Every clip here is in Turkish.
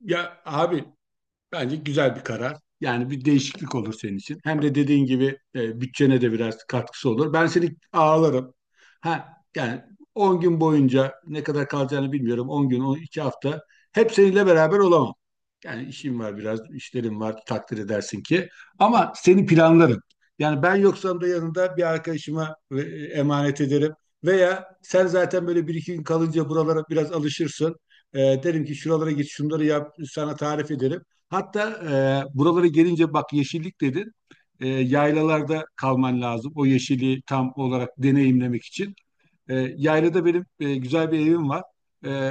Ya abi. Bence güzel bir karar. Yani bir değişiklik olur senin için. Hem de dediğin gibi bütçene de biraz katkısı olur. Ben seni ağlarım. Ha, yani 10 gün boyunca ne kadar kalacağını bilmiyorum. 10 gün, 12 hafta. Hep seninle beraber olamam. Yani işim var biraz, işlerim var takdir edersin ki. Ama seni planlarım. Yani ben yoksam da yanında bir arkadaşıma emanet ederim. Veya sen zaten böyle bir iki gün kalınca buralara biraz alışırsın. E, Derim ki şuralara git şunları yap sana tarif ederim. Hatta buralara gelince bak yeşillik dedin. Yaylalarda kalman lazım. O yeşili tam olarak deneyimlemek için. Yaylada benim güzel bir evim var. E,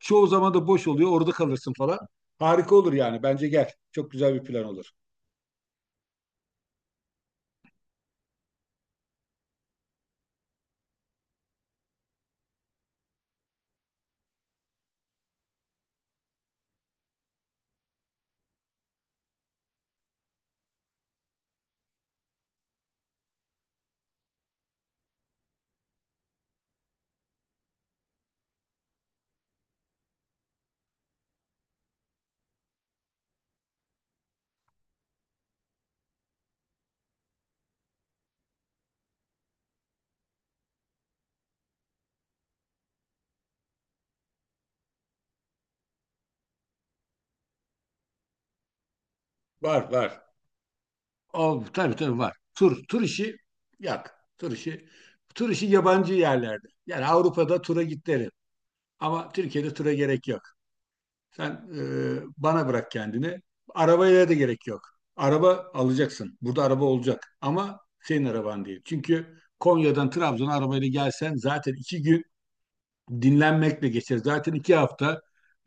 Çoğu zaman da boş oluyor. Orada kalırsın falan. Harika olur yani. Bence gel. Çok güzel bir plan olur. Var var. Al, tabii tabii var. Tur işi yak. Tur işi. Tur işi yabancı yerlerde. Yani Avrupa'da tura git derim. Ama Türkiye'de tura gerek yok. Sen bana bırak kendini. Arabaya da gerek yok. Araba alacaksın. Burada araba olacak. Ama senin araban değil. Çünkü Konya'dan Trabzon'a arabayla gelsen zaten iki gün dinlenmekle geçer. Zaten iki hafta.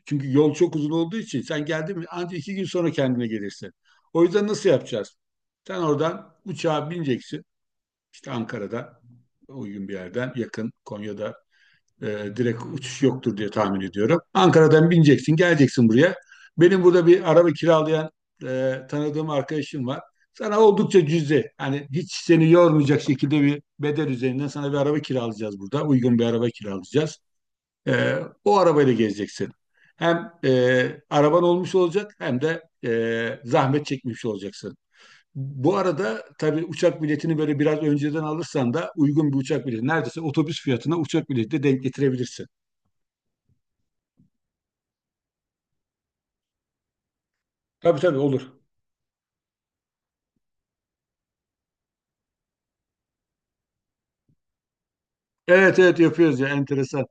Çünkü yol çok uzun olduğu için sen geldin mi ancak iki gün sonra kendine gelirsin. O yüzden nasıl yapacağız? Sen oradan uçağa bineceksin. İşte Ankara'da uygun bir yerden yakın Konya'da e, direkt uçuş yoktur diye tahmin ediyorum. Ankara'dan bineceksin, geleceksin buraya. Benim burada bir araba kiralayan tanıdığım arkadaşım var. Sana oldukça cüzi, hani hiç seni yormayacak şekilde bir bedel üzerinden sana bir araba kiralayacağız burada. Uygun bir araba kiralayacağız. E, O arabayla gezeceksin. Hem araban olmuş olacak hem de zahmet çekmiş olacaksın. Bu arada tabii uçak biletini böyle biraz önceden alırsan da uygun bir uçak bileti neredeyse otobüs fiyatına uçak bileti de denk getirebilirsin. Tabii tabii olur. Evet evet yapıyoruz ya, enteresan.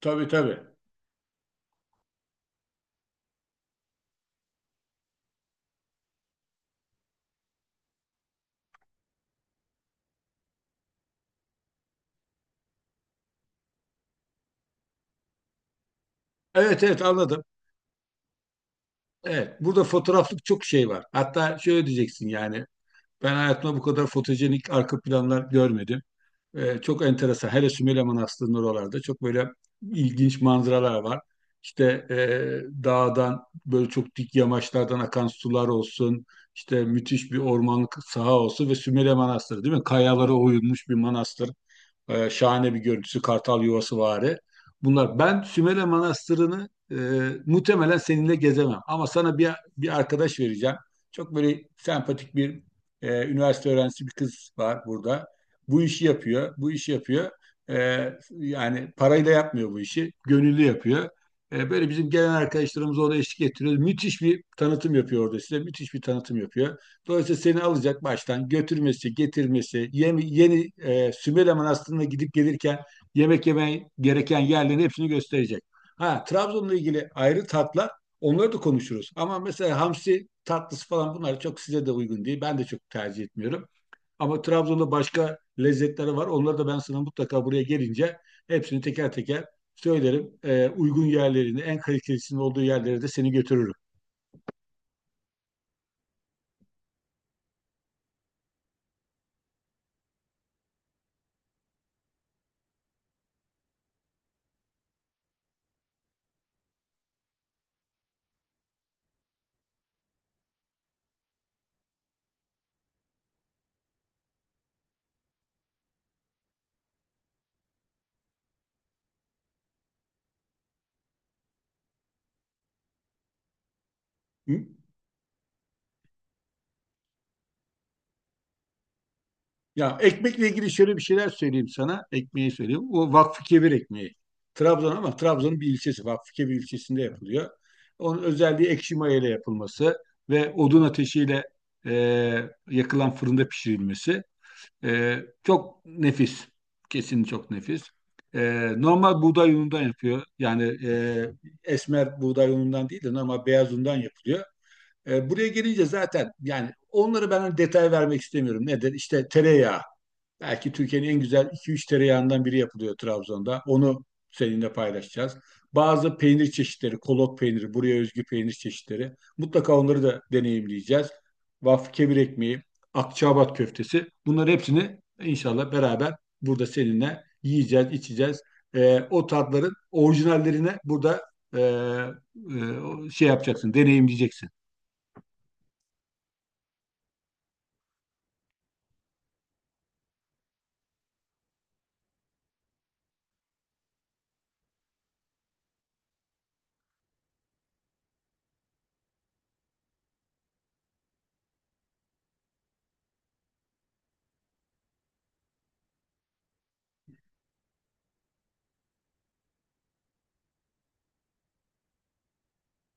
Tabii tabii. Evet evet anladım. Evet, burada fotoğraflık çok şey var. Hatta şöyle diyeceksin: yani ben hayatımda bu kadar fotojenik arka planlar görmedim. Çok enteresan. Hele Sümele Manastırı'nın oralarda çok böyle ilginç manzaralar var. İşte dağdan böyle çok dik yamaçlardan akan sular olsun. İşte müthiş bir ormanlık saha olsun ve Sümele Manastırı değil mi? Kayalara oyulmuş bir manastır. Şahane bir görüntüsü, kartal yuvası vari. Bunlar. Ben Sümele Manastırı'nı muhtemelen seninle gezemem. Ama sana bir arkadaş vereceğim. Çok böyle sempatik bir üniversite öğrencisi bir kız var burada. Bu işi yapıyor, bu işi yapıyor. E, Yani parayla yapmıyor bu işi, gönüllü yapıyor. Böyle bizim gelen arkadaşlarımız orada eşlik ettiriyor. Müthiş bir tanıtım yapıyor orada size, müthiş bir tanıtım yapıyor. Dolayısıyla seni alacak baştan götürmesi, getirmesi, Sümele Manastırı'na gidip gelirken yemek yemen gereken yerlerin hepsini gösterecek. Ha, Trabzon'la ilgili ayrı tatlar onları da konuşuruz. Ama mesela hamsi tatlısı falan bunlar çok size de uygun değil. Ben de çok tercih etmiyorum. Ama Trabzon'da başka lezzetleri var. Onları da ben sana mutlaka buraya gelince hepsini teker teker söylerim. Uygun yerlerini, en kalitelisinin olduğu yerlere de seni götürürüm. Hı? Ya, ekmekle ilgili şöyle bir şeyler söyleyeyim sana. Ekmeği söyleyeyim. O Vakfıkebir ekmeği. Trabzon, ama Trabzon'un bir ilçesi. Vakfıkebir ilçesinde yapılıyor. Onun özelliği ekşi maya ile yapılması ve odun ateşiyle e, yakılan fırında pişirilmesi. E, Çok nefis. Kesin çok nefis. E, Normal buğday unundan yapıyor. Yani esmer buğday unundan değil de normal beyaz undan yapılıyor. Buraya gelince zaten yani onları ben hani detay vermek istemiyorum. Nedir? İşte tereyağı. Belki Türkiye'nin en güzel iki üç tereyağından biri yapılıyor Trabzon'da. Onu seninle paylaşacağız. Bazı peynir çeşitleri, kolot peyniri, buraya özgü peynir çeşitleri. Mutlaka onları da deneyimleyeceğiz. Vaf kebir ekmeği, Akçaabat köftesi. Bunların hepsini inşallah beraber burada seninle yiyeceğiz, içeceğiz. O tatların orijinallerine burada şey yapacaksın, deneyimleyeceksin.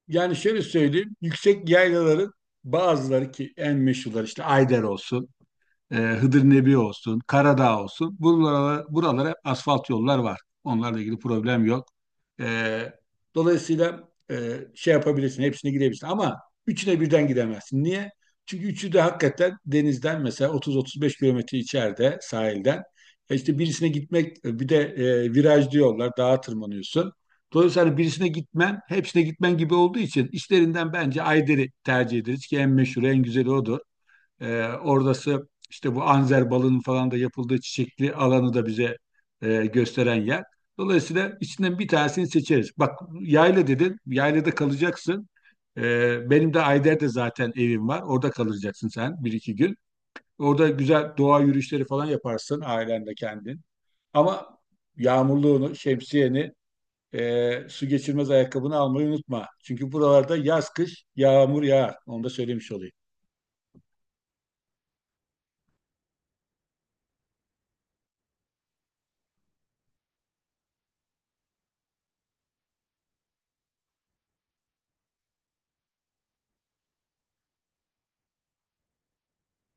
Yani şöyle söyleyeyim, yüksek yaylaların bazıları, ki en meşhurlar işte Ayder olsun, Hıdır Nebi olsun, Karadağ olsun. Buralara hep asfalt yollar var. Onlarla ilgili problem yok. E, Dolayısıyla şey yapabilirsin, hepsine gidebilirsin. Ama üçüne birden gidemezsin. Niye? Çünkü üçü de hakikaten denizden mesela 30-35 kilometre içeride sahilden. İşte birisine gitmek bir de viraj diyorlar, dağa tırmanıyorsun. Dolayısıyla birisine gitmen hepsine gitmen gibi olduğu için işlerinden bence Ayder'i tercih ederiz ki en meşhur, en güzeli odur. Oradası işte bu anzer balının falan da yapıldığı çiçekli alanı da bize gösteren yer. Dolayısıyla içinden bir tanesini seçeriz. Bak yayla dedin, yaylada kalacaksın. Benim de Ayder'de zaten evim var. Orada kalacaksın sen bir iki gün. Orada güzel doğa yürüyüşleri falan yaparsın ailenle kendin. Ama yağmurluğunu, şemsiyeni, su geçirmez ayakkabını almayı unutma. Çünkü buralarda yaz kış yağmur yağar. Onu da söylemiş olayım.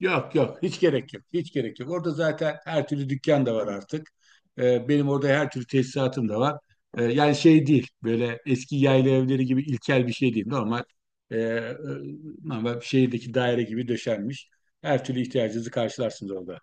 Yok yok, hiç gerek yok. Hiç gerek yok. Orada zaten her türlü dükkan da var artık. Benim orada her türlü tesisatım da var. Yani şey değil, böyle eski yayla evleri gibi ilkel bir şey değil. E, e, normal şehirdeki daire gibi döşenmiş. Her türlü ihtiyacınızı karşılarsınız orada.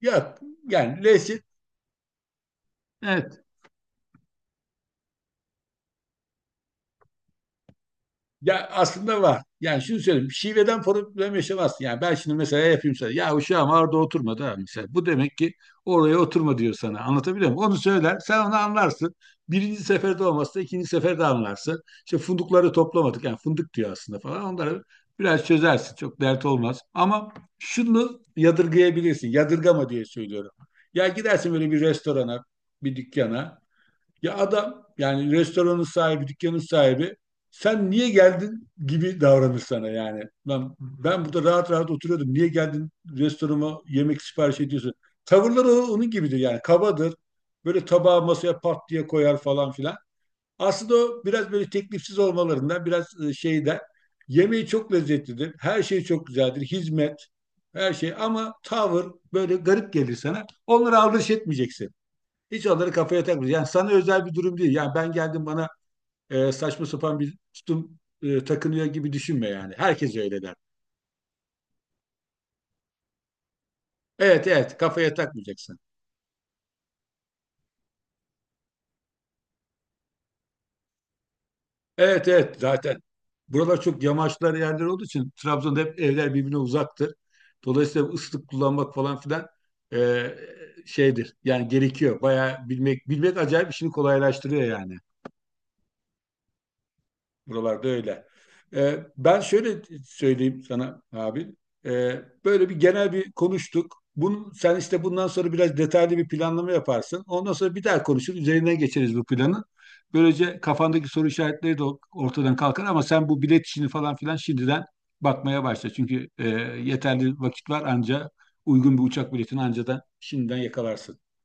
Yok. Yani lezzet. Ya, aslında var. Yani şunu söyleyeyim. Şiveden problem yaşamazsın. Yani ben şimdi mesela yapayım sana. Ya, uşağım orada oturmadı ha, mesela. Bu demek ki oraya oturma diyor sana. Anlatabiliyor muyum? Onu söyler. Sen onu anlarsın. Birinci seferde olmazsa ikinci seferde anlarsın. İşte fındıkları toplamadık. Yani fındık diyor aslında falan. Onları biraz çözersin. Çok dert olmaz. Ama şunu yadırgayabilirsin. Yadırgama diye söylüyorum. Ya, gidersin böyle bir restorana, bir dükkana. Ya adam, yani restoranın sahibi, dükkanın sahibi, sen niye geldin gibi davranır sana yani. Ben burada rahat rahat oturuyordum. Niye geldin restoranıma yemek sipariş ediyorsun? Tavırları onun gibidir yani, kabadır. Böyle tabağı masaya pat diye koyar falan filan. Aslında o biraz böyle teklifsiz olmalarından biraz şeyden, yemeği çok lezzetlidir. Her şey çok güzeldir. Hizmet, her şey, ama tavır böyle garip gelir sana. Onlara aldırış etmeyeceksin. Hiç onları kafaya takmıyor. Yani sana özel bir durum değil. Yani ben geldim bana saçma sapan bir tutum takınıyor gibi düşünme yani. Herkes öyle der. Evet evet, kafaya takmayacaksın. Evet evet, zaten buralar çok yamaçlar yerler olduğu için Trabzon'da hep evler birbirine uzaktır. Dolayısıyla ıslık kullanmak falan filan e, şeydir. Yani gerekiyor. Bayağı bilmek acayip işini kolaylaştırıyor yani. Buralarda öyle. Ben şöyle söyleyeyim sana abi. Böyle bir genel bir konuştuk. Bunu, sen işte bundan sonra biraz detaylı bir planlama yaparsın. Ondan sonra bir daha konuşur. Üzerinden geçeriz bu planı. Böylece kafandaki soru işaretleri de ortadan kalkar, ama sen bu bilet işini falan filan şimdiden bakmaya başla. Çünkü yeterli vakit var, anca uygun bir uçak biletini anca da şimdiden yakalarsın.